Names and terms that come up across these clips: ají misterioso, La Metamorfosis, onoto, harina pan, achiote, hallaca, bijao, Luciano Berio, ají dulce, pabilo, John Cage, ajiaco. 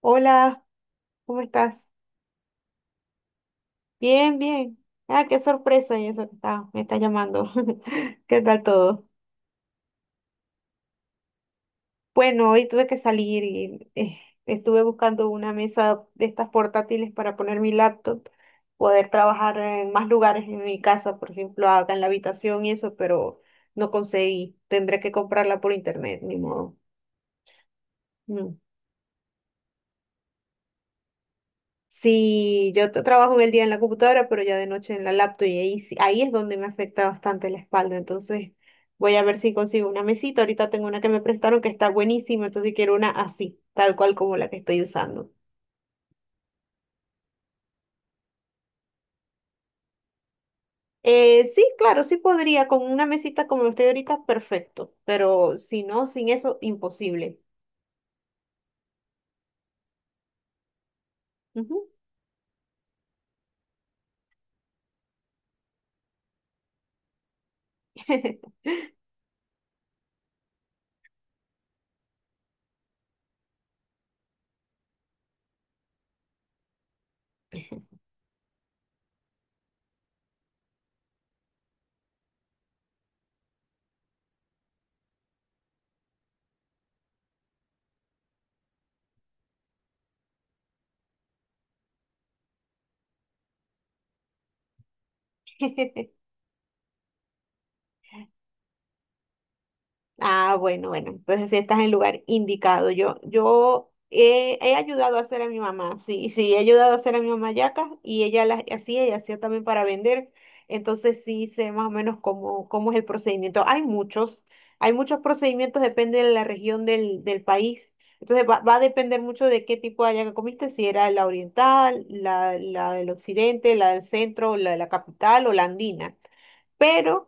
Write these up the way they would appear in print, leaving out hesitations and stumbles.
Hola, ¿cómo estás? Bien, bien. Ah, qué sorpresa y eso me está llamando. ¿Qué tal todo? Bueno, hoy tuve que salir y estuve buscando una mesa de estas portátiles para poner mi laptop, poder trabajar en más lugares en mi casa, por ejemplo, acá en la habitación y eso, pero no conseguí. Tendré que comprarla por internet, ni modo. Mm. Sí, trabajo en el día en la computadora, pero ya de noche en la laptop y ahí es donde me afecta bastante la espalda. Entonces voy a ver si consigo una mesita. Ahorita tengo una que me prestaron que está buenísima, entonces quiero una así, tal cual como la que estoy usando. Sí, claro, sí podría, con una mesita como estoy ahorita, perfecto, pero si no, sin eso, imposible. Ujú. Ah, bueno, bueno, entonces sí estás en el lugar indicado. He ayudado a hacer a mi mamá, sí, sí, he ayudado a hacer a mi mamá yacas y ella las hacía y hacía también para vender. Entonces sí sé más o menos cómo es el procedimiento. Hay muchos procedimientos, depende de la región del país. Entonces va a depender mucho de qué tipo de hallaca comiste, si era la oriental, la del occidente, la del centro, la de la capital o la andina. Pero...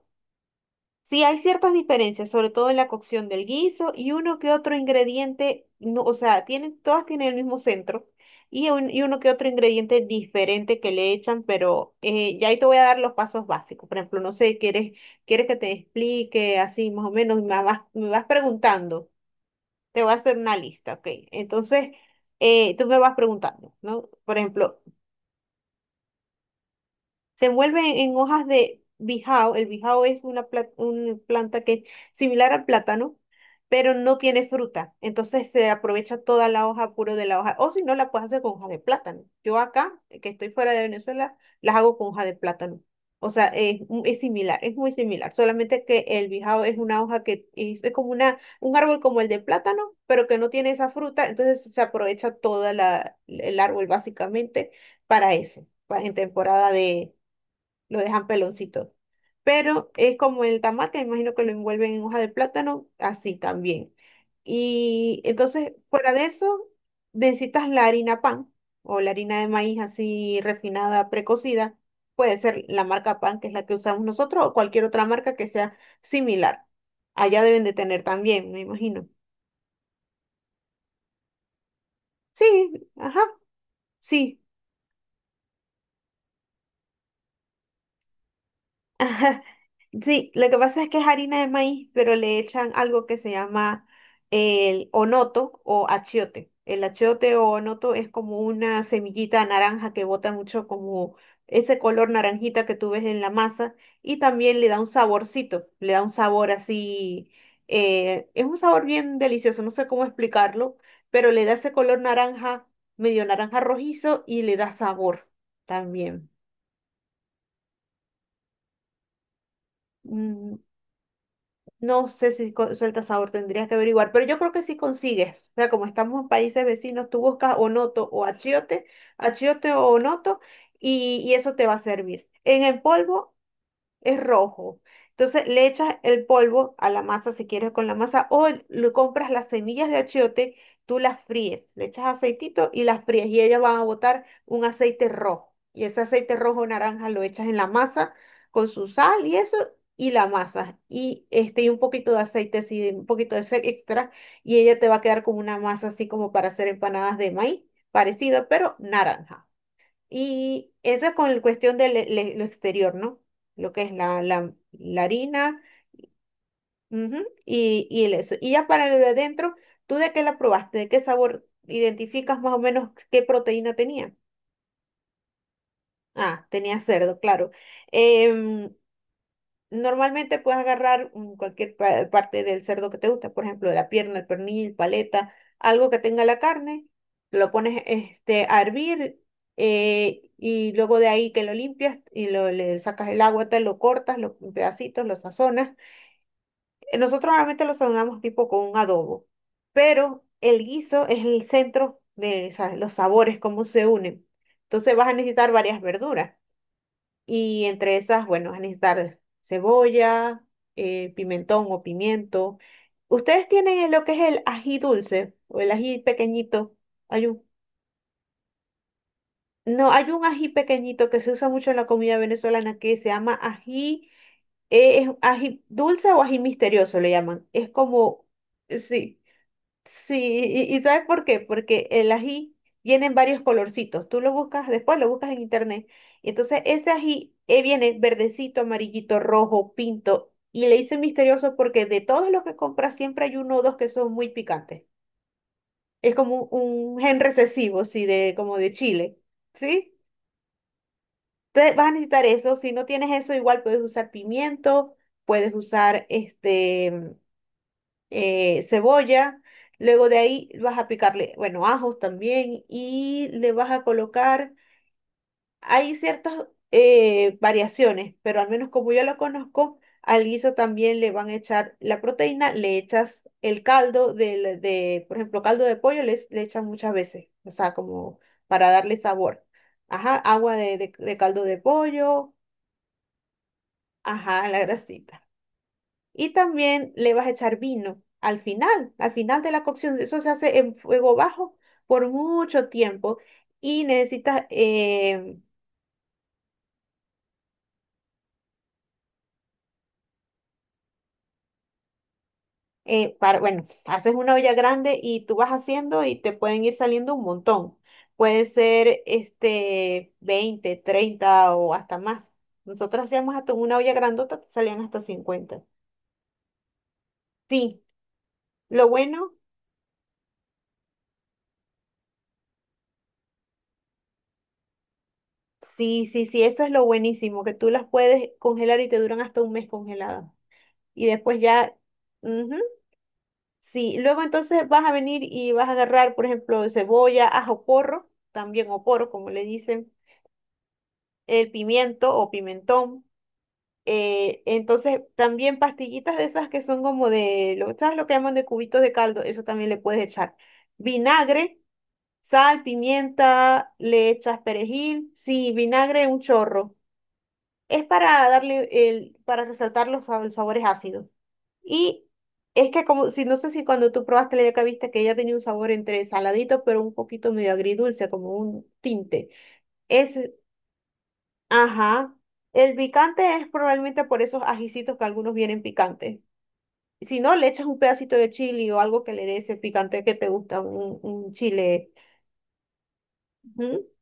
Sí, hay ciertas diferencias, sobre todo en la cocción del guiso y uno que otro ingrediente, no, o sea, tienen, todas tienen el mismo centro y uno que otro ingrediente diferente que le echan, ya ahí te voy a dar los pasos básicos. Por ejemplo, no sé, ¿quieres que te explique así más o menos? Me vas me vas preguntando, te voy a hacer una lista, ¿ok? Entonces, tú me vas preguntando, ¿no? Por ejemplo, se envuelven en hojas de bijao. El bijao es una planta que es similar al plátano, pero no tiene fruta. Entonces se aprovecha toda la hoja puro de la hoja. O si no, la puedes hacer con hoja de plátano. Yo acá, que estoy fuera de Venezuela, las hago con hoja de plátano. O sea, es similar, es muy similar. Solamente que el bijao es una hoja que es como un árbol como el de plátano, pero que no tiene esa fruta. Entonces se aprovecha toda el árbol básicamente para eso, en temporada de lo dejan peloncito. Pero es como el tamate, imagino que lo envuelven en hoja de plátano, así también. Y entonces, fuera de eso, necesitas la harina pan o la harina de maíz así refinada, precocida. Puede ser la marca pan, que es la que usamos nosotros, o cualquier otra marca que sea similar. Allá deben de tener también, me imagino. Sí, ajá, sí. Ajá. Sí, lo que pasa es que es harina de maíz, pero le echan algo que se llama el onoto o achiote. El achiote o onoto es como una semillita naranja que bota mucho como ese color naranjita que tú ves en la masa y también le da un saborcito, le da un sabor así, es un sabor bien delicioso, no sé cómo explicarlo, pero le da ese color naranja, medio naranja rojizo y le da sabor también. Mm, no sé si suelta sabor, tendrías que averiguar, pero yo creo que sí consigues. O sea, como estamos en países vecinos, tú buscas onoto o achiote, achiote o onoto, y eso te va a servir. En el polvo es rojo. Entonces le echas el polvo a la masa si quieres con la masa o lo compras las semillas de achiote, tú las fríes, le echas aceitito y las fríes y ellas van a botar un aceite rojo. Y ese aceite rojo naranja lo echas en la masa con su sal y eso y la masa y este y un poquito de aceite así, un poquito de ese extra y ella te va a quedar como una masa así como para hacer empanadas de maíz, parecido pero naranja. Y eso es con la cuestión de lo exterior, ¿no? Lo que es la harina, ujú, y el eso. Y ya para lo de adentro, ¿tú de qué la probaste? ¿De qué sabor identificas más o menos qué proteína tenía? Ah, tenía cerdo, claro. Em, normalmente puedes agarrar mm, cualquier parte del cerdo que te gusta, por ejemplo, la pierna, el pernil, paleta, algo que tenga la carne, lo pones este, a hervir y luego de ahí que lo limpias y le sacas el agua, te lo cortas en pedacitos, lo sazonas. Nosotros normalmente lo sazonamos tipo con un adobo, pero el guiso es el centro de los sabores, cómo se unen. Entonces vas a necesitar varias verduras. Y entre esas, bueno, van a necesitar cebolla, pimentón o pimiento. ¿Ustedes tienen lo que es el ají dulce o el ají pequeñito? Hay un, no, hay un ají pequeñito que se usa mucho en la comida venezolana que se llama ají, es ají dulce o ají misterioso le llaman. Es como, sí. Sí, y ¿sabes por qué? Porque el ají viene en varios colorcitos. Tú lo buscas, después lo buscas en internet. Y entonces ese ají viene verdecito, amarillito, rojo, pinto. Y le hice misterioso porque de todos los que compras siempre hay uno o dos que son muy picantes. Es como un gen recesivo, sí, de, como de chile. ¿Sí? Entonces vas a necesitar eso. Si no tienes eso, igual puedes usar pimiento, puedes usar este. Eh, cebolla. Luego de ahí vas a picarle, bueno, ajos también y le vas a colocar, hay ciertas variaciones, pero al menos como yo lo conozco, al guiso también le van a echar la proteína, le echas el caldo de por ejemplo, caldo de pollo le echan muchas veces, o sea, como para darle sabor. Ajá, agua de caldo de pollo, ajá, la grasita. Y también le vas a echar vino al final de la cocción. Eso se hace en fuego bajo por mucho tiempo y necesitas, para, bueno, haces una olla grande y tú vas haciendo y te pueden ir saliendo un montón. Puede ser este 20 o 30 o hasta más. Nosotros hacíamos hasta una olla grandota, te salían hasta 50. Sí, lo bueno, sí, sí, sí, eso es lo buenísimo, que tú las puedes congelar y te duran hasta un mes congeladas. Y después ya, ujú, sí, luego entonces vas a venir y vas a agarrar, por ejemplo, cebolla, ajo porro, también o porro, como le dicen, el pimiento o pimentón. Eh, entonces también pastillitas de esas que son como de, ¿sabes lo que llaman de cubitos de caldo? Eso también le puedes echar. Vinagre, sal, pimienta, le echas perejil, sí, vinagre un chorro. Es para darle el, para resaltar los sabores ácidos. Y es que como, si no sé si cuando tú probaste la yaca viste que ella tenía un sabor entre saladito, pero un poquito medio agridulce, como un tinte. Es, ajá. El picante es probablemente por esos ajicitos que algunos vienen picantes. Si no, le echas un pedacito de chili o algo que le dé ese picante que te gusta, un chile. Ujú.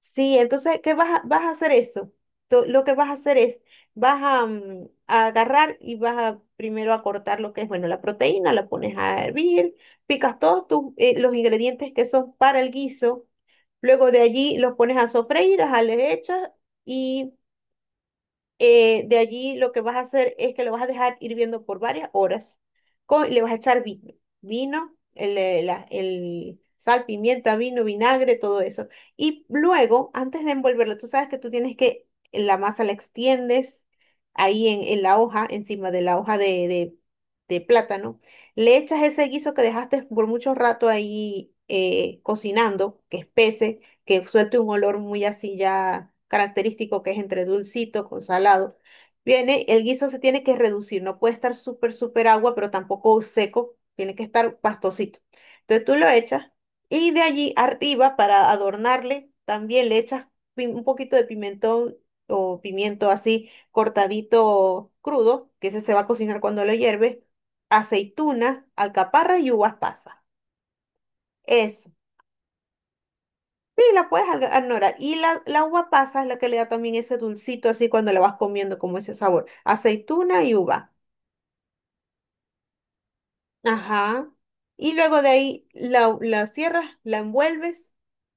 Sí, entonces, ¿qué vas a hacer eso? Lo que vas a hacer es, vas a a agarrar y vas a primero a cortar lo que es, bueno, la proteína, la pones a hervir, picas todos tus, los ingredientes que son para el guiso, luego de allí los pones a sofreír, a le echas de allí lo que vas a hacer es que lo vas a dejar hirviendo por varias horas. Y le vas a echar vino, el sal, pimienta, vino, vinagre, todo eso. Y luego, antes de envolverlo, tú sabes que tú tienes que la masa la extiendes ahí en la hoja, encima de la hoja de plátano. Le echas ese guiso que dejaste por mucho rato ahí cocinando, que espese, que suelte un olor muy así ya característico que es entre dulcito con salado. Viene, el guiso se tiene que reducir, no puede estar súper, súper agua, pero tampoco seco, tiene que estar pastosito. Entonces tú lo echas y de allí arriba para adornarle también le echas un poquito de pimentón o pimiento así cortadito crudo, que ese se va a cocinar cuando lo hierves, aceituna, alcaparras y uvas pasas. Eso. Sí, la puedes ignorar. Y la uva pasa es la que le da también ese dulcito así cuando la vas comiendo, como ese sabor. Aceituna y uva. Ajá. Y luego de ahí la cierras, la envuelves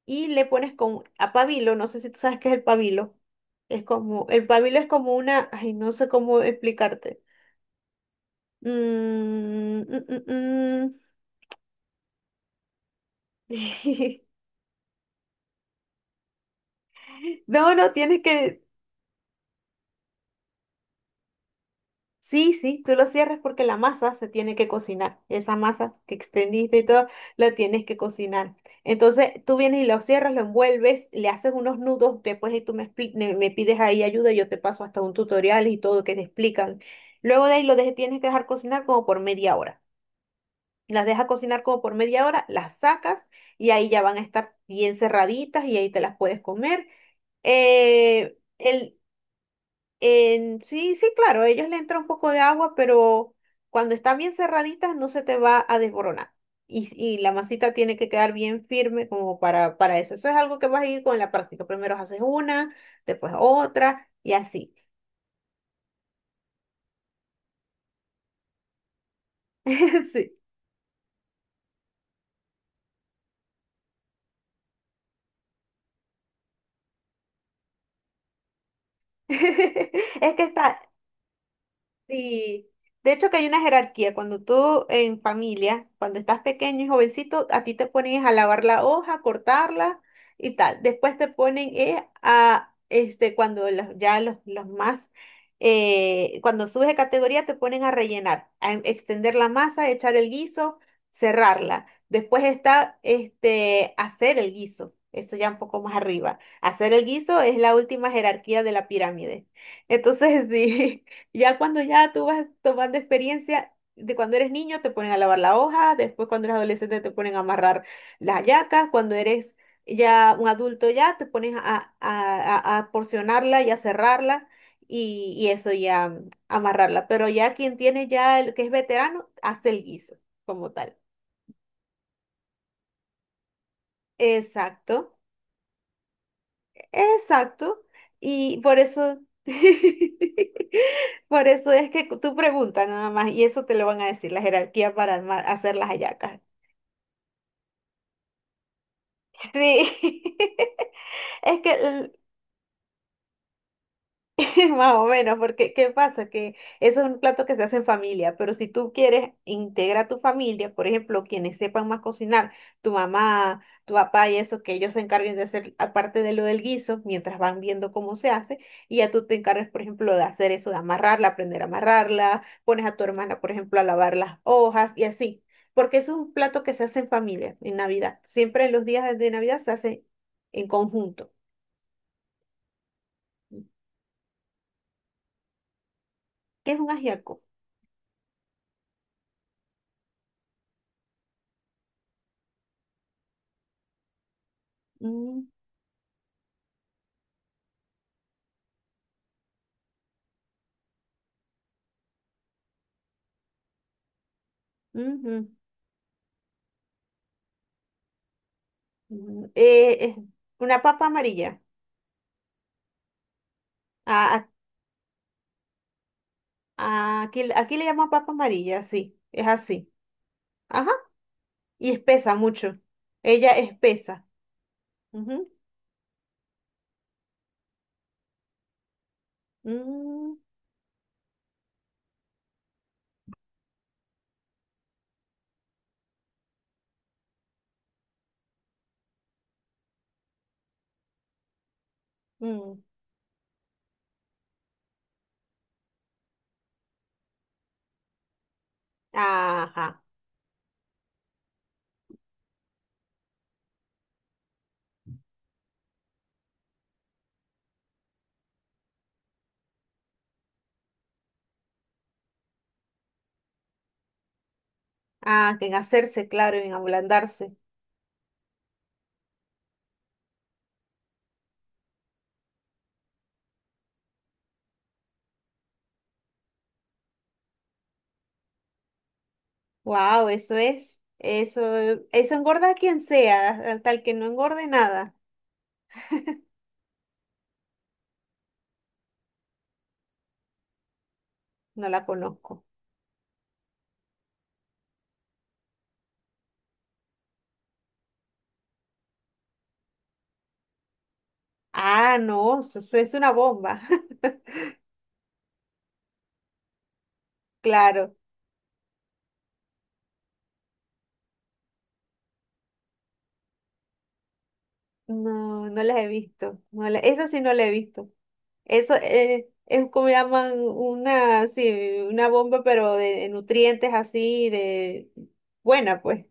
y le pones con a pabilo. No sé si tú sabes qué es el pabilo. Es como, el pabilo es como una, ay, no sé cómo explicarte. Mm, mm, mm, mm. No, no, tienes que. Sí, sí, tú lo cierras porque la masa se tiene que cocinar. Esa masa que extendiste y todo, la tienes que cocinar. Entonces tú vienes y lo cierras, lo envuelves, le haces unos nudos, después y tú me, me pides ahí ayuda, yo te paso hasta un tutorial y todo que te explican. Luego de ahí tienes que dejar cocinar como por ½ hora. Las dejas cocinar como por media hora, las sacas y ahí ya van a estar bien cerraditas y ahí te las puedes comer. Eh, el- sí, sí, claro, ellos le entra un poco de agua, pero cuando están bien cerraditas no se te va a desboronar. Y la masita tiene que quedar bien firme como para eso. Eso es algo que vas a ir con la práctica. Primero haces una, después otra y así. Sí. Es que está. Sí, de hecho que hay una jerarquía. Cuando tú en familia, cuando estás pequeño y jovencito, a ti te ponen a lavar la hoja, cortarla y tal. Después te ponen a, este, cuando los más, cuando subes de categoría, te ponen a rellenar, a extender la masa, echar el guiso, cerrarla. Después está, este, hacer el guiso. Eso ya un poco más arriba. Hacer el guiso es la última jerarquía de la pirámide. Entonces, sí. Ya cuando ya tú vas tomando experiencia, de cuando eres niño te ponen a lavar la hoja, después cuando eres adolescente te ponen a amarrar las hallacas, cuando eres ya un adulto ya te pones a, a porcionarla y a cerrarla y eso ya amarrarla. Pero ya quien tiene ya el que es veterano hace el guiso como tal. Exacto. Exacto. Y por eso, por eso es que tú preguntas nada más y eso te lo van a decir la jerarquía para hacer las hallacas. Sí. Es que más o menos, porque ¿qué pasa? Que eso es un plato que se hace en familia, pero si tú quieres integrar a tu familia, por ejemplo, quienes sepan más cocinar, tu mamá, tu papá y eso, que ellos se encarguen de hacer aparte de lo del guiso, mientras van viendo cómo se hace, y ya tú te encargas, por ejemplo, de hacer eso, de amarrarla, aprender a amarrarla, pones a tu hermana, por ejemplo, a lavar las hojas y así, porque eso es un plato que se hace en familia, en Navidad. Siempre en los días de Navidad se hace en conjunto. ¿Qué es un ajiaco? Mm, ujú. Mm, es una papa amarilla. A- Aquí, aquí le llaman papa amarilla, sí, es así. Ajá, y espesa mucho. Ella espesa. Ujú. Mm, mm. Ajá. Ah, que en hacerse, claro, en ablandarse. Wow, eso es. Eso engorda a quien sea, a- tal que no engorde nada. No la conozco. Ah, no, eso es una bomba. Claro. No, no las he visto. Esa sí no la he visto. Eso es como llaman una, sí, una bomba, pero de nutrientes así, de buena, pues.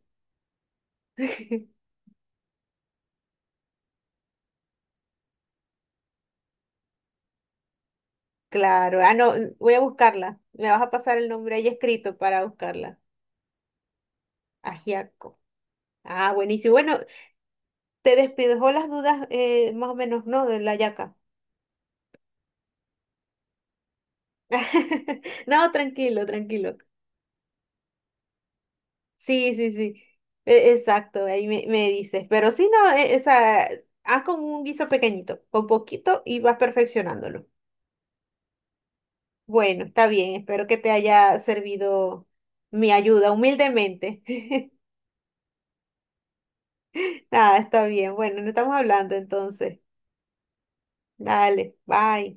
Claro. Ah, no, voy a buscarla. Me vas a pasar el nombre ahí escrito para buscarla. Ajiaco. Ah, buenísimo. Bueno, te despejó las dudas más o menos, ¿no? De la yaca. No, tranquilo, tranquilo. Sí, sí, sí. E- Exacto, ahí me, me dices. Pero sí, no, e- esa, haz con un guiso pequeñito, con poquito y vas perfeccionándolo. Bueno, está bien, espero que te haya servido mi ayuda, humildemente. Nada, está bien. Bueno, no estamos hablando entonces. Dale, bye.